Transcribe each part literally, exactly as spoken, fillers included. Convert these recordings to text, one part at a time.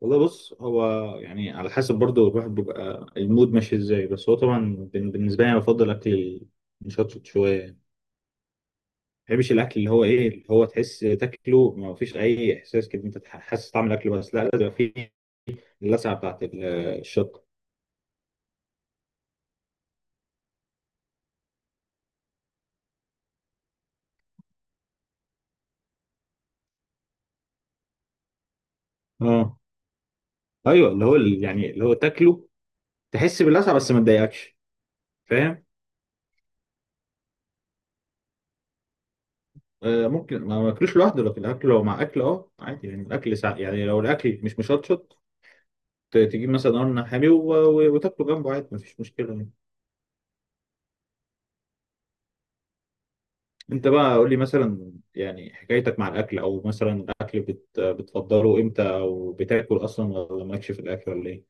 والله بص، هو يعني على حسب، برضه الواحد بيبقى المود ماشي ازاي. بس هو طبعا بن- بالنسبه لي انا بفضل اكل مشطشط شويه. ما بحبش الاكل اللي هو ايه، اللي هو تحس تاكله ما فيش اي احساس كده، انت تح- حاسس طعم الاكل، بس لا، لازم يبقى فيه اللسعه بتاعت ال- الشطه. اه ايوه، اللي هو ال- يعني اللي هو تاكله تحس باللسعه بس ما تضايقكش. فاهم؟ آه ممكن ما ما اكلوش لوحده، لكن اكله لو مع اكل اه عادي، يعني الاكل ساعة يعني لو الاكل مش مشطشط، ت- تجيب مثلا قرن حامي و- و- وتاكله جنبه عادي، مفيش مشكله يعني. انت بقى قول لي مثلا، يعني حكايتك مع الاكل، او مثلا الاكل بت... بتفضله امتى، او بتاكل اصلا ولا مالكش في الاكل، ولا ايه؟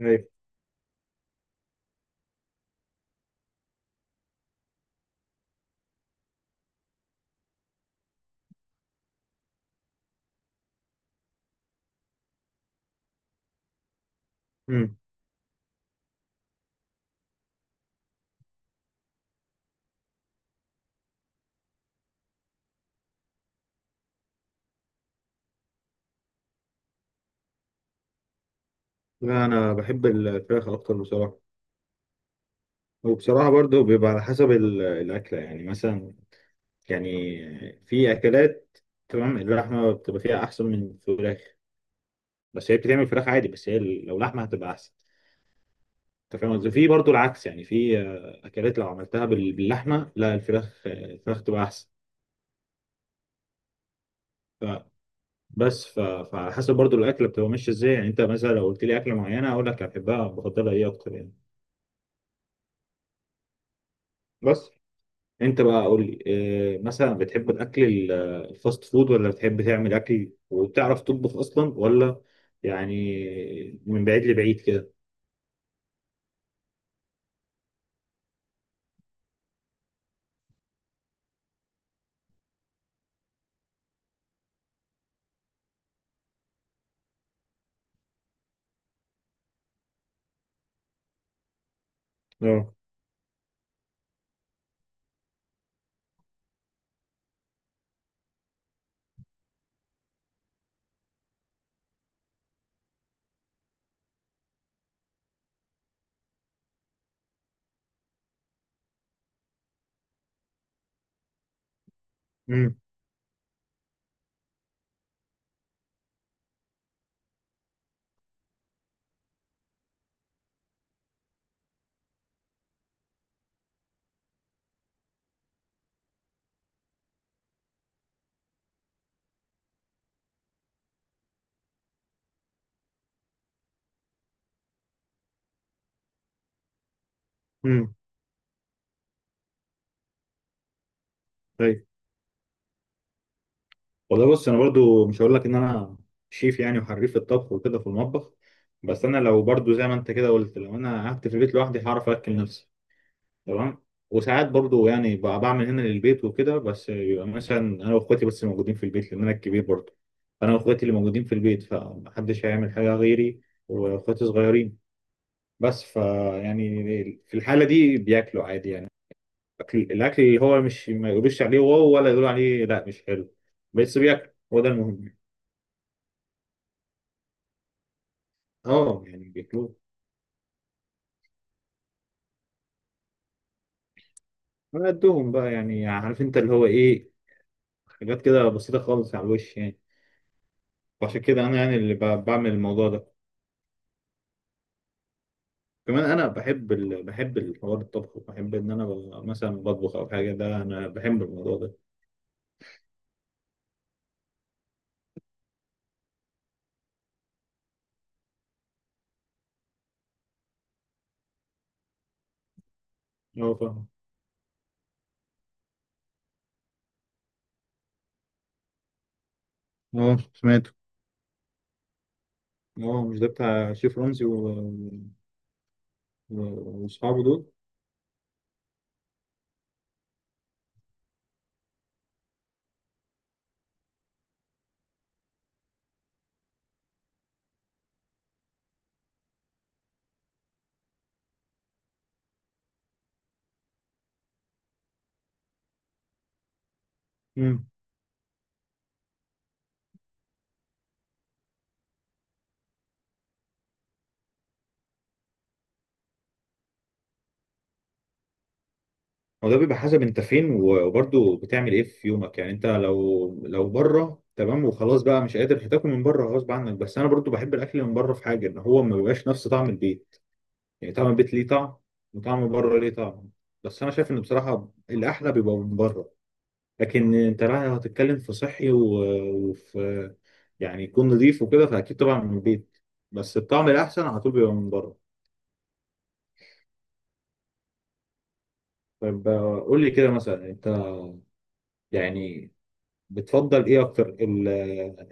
ايوه. امم. لا انا بحب الفراخ اكتر بصراحه. وبصراحه برضو بيبقى على حسب ال- الاكله، يعني مثلا، يعني في اكلات تمام اللحمه بتبقى فيها احسن من الفراخ. بس هي بتتعمل فراخ عادي، بس هي ال- لو لحمه هتبقى احسن. انت فاهم قصدي؟ في برضو العكس، يعني في آه، اكلات لو عملتها بال- باللحمه، لا، الفراخ آه، الفراخ تبقى احسن. بس ف- فعلى حسب برضو الاكله بتبقى ماشيه ازاي. يعني انت مثلا لو قلت لي اكله معينه اقول لك بحبها، بفضلها ايه اكتر يعني. بس انت بقى قول لي إيه، مثلا بتحب الاكل ال- الفاست فود، ولا بتحب تعمل اكل وبتعرف تطبخ اصلا، ولا يعني من بعيد لبعيد كده؟ اه. امم. امم. طيب. والله بص، انا برضو مش هقول لك ان انا شيف يعني وحريف في الطبخ وكده في المطبخ. بس انا لو برضو زي ما انت كده قلت، لو انا قعدت في البيت لوحدي هعرف اكل نفسي، تمام. وساعات برضو يعني ب- بعمل هنا للبيت وكده، بس بيبقى مثلا انا واخواتي بس اللي موجودين في البيت، لان انا الكبير برضو. انا واخواتي اللي موجودين في البيت فمحدش هيعمل حاجه غيري، واخواتي صغيرين. بس ف يعني في الحاله دي بياكلوا عادي يعني. الاكل الاكل اللي هو مش، ما يقولوش عليه واو ولا يقولوا عليه لا مش حلو، بس بياكل، هو ده المهم. اه يعني بياكلوه. على قدهم بقى يعني، عارف انت اللي هو ايه، حاجات كده بسيطه خالص على الوش يعني. وعشان كده انا يعني اللي ب- بعمل الموضوع ده. كمان انا بحب ال... بحب الحوار الطبخ، وبحب ان انا ب... مثلا بطبخ او حاجه، ده انا بحب الموضوع ده. اه فاهم. اه سمعته. اه مش ده بتاع شيف رمزي و... و... واصحابه دول. امم، هو ده بيبقى حسب انت فين، و- وبرضه بتعمل ايه في يومك يعني. انت لو لو بره تمام وخلاص بقى مش قادر، هتاكل من بره غصب عنك. بس انا برضه بحب الاكل من بره، في حاجه ان هو ما بيبقاش نفس طعم البيت. يعني طعم البيت ليه طعم، وطعم بره ليه طعم. بس انا شايف ان بصراحه الاحلى بيبقى من بره. لكن انت رايح، لو هتتكلم في صحي و- وفي، يعني يكون نظيف وكده، فاكيد طبعا من البيت. بس الطعم الاحسن على طول بيبقى من بره. طب قول لي كده مثلا، انت يعني بتفضل ايه اكتر، ال-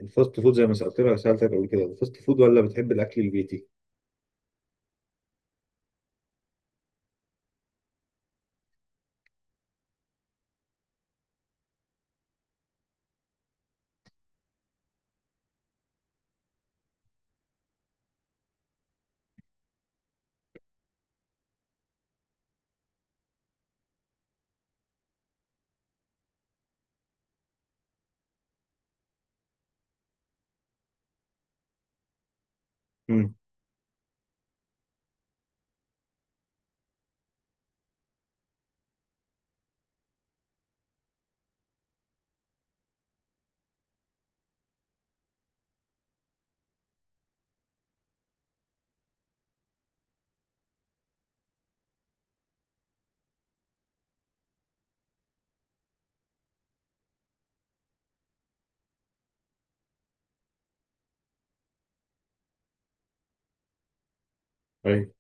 الفاست فود زي ما سالت لك سالتك قبل كده، الفاست فود ولا بتحب الاكل البيتي؟ امم. ايوه.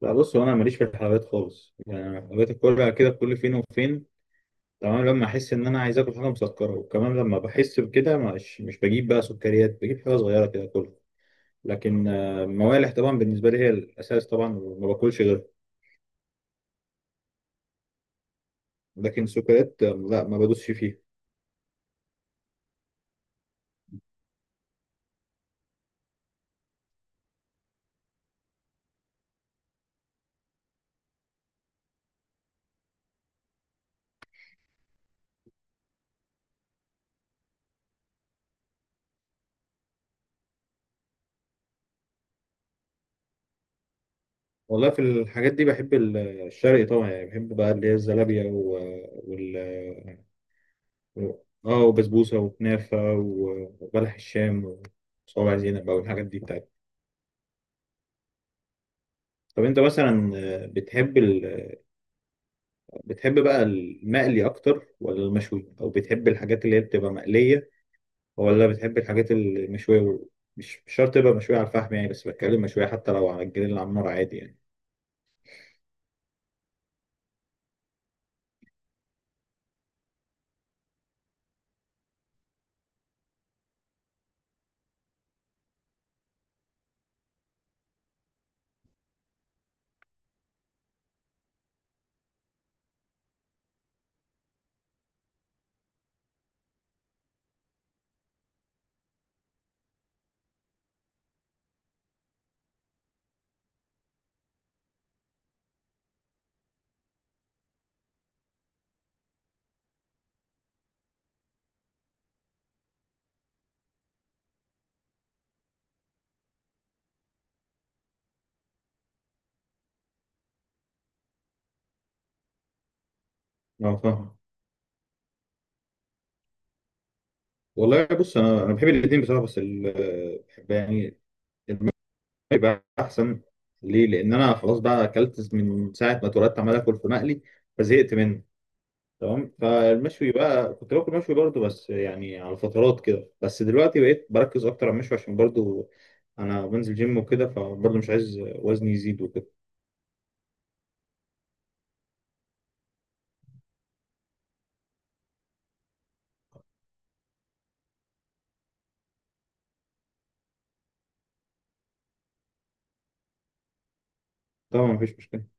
لا بص، هو انا ماليش في الحلويات خالص يعني. أنا الحلويات كلها كده كل فين وفين تمام. لما احس ان انا عايز اكل حاجه مسكره، وكمان لما بحس بكده، مش مش بجيب بقى سكريات، بجيب حاجه صغيره كده كلها. لكن آه، موالح طبعا، بالنسبه لي هي الاساس طبعا وما باكلش غيره. لكن سكريات آه، لا، ما بدوسش فيها. والله، في الحاجات دي بحب ال- آه، الشرقي طبعا، يعني بحب بقى اللي هي الزلابيه و... آه، وال و- اه وبسبوسه وكنافه و- وبلح الشام وصوابع زينب بقى، والحاجات دي بتاعتي. طب انت مثلا آه، بتحب ال... بتحب بقى المقلي اكتر ولا المشوي، او بتحب الحاجات اللي هي بتبقى مقليه، ولا بتحب الحاجات المشوية؟ مش مش شرط تبقى مشوية على الفحم يعني، بس بتكلم مشوية، حتى لو على الجريل على النار عادي يعني. اه فاهم. والله بص، انا انا بحب الاثنين بصراحة، بس ال- بحب يعني يبقى احسن. ليه؟ لان انا خلاص بقى اكلت من ساعة ما اتولدت عمال اكل في مقلي، فزهقت منه تمام. فالمشوي بقى كنت باكل مشوي برضه، بس يعني على فترات كده. بس دلوقتي بقيت بركز اكتر على المشوي عشان برضه انا بنزل جيم وكده، فبرضه مش عايز وزني يزيد وكده. طبعا مفيش مشكلة.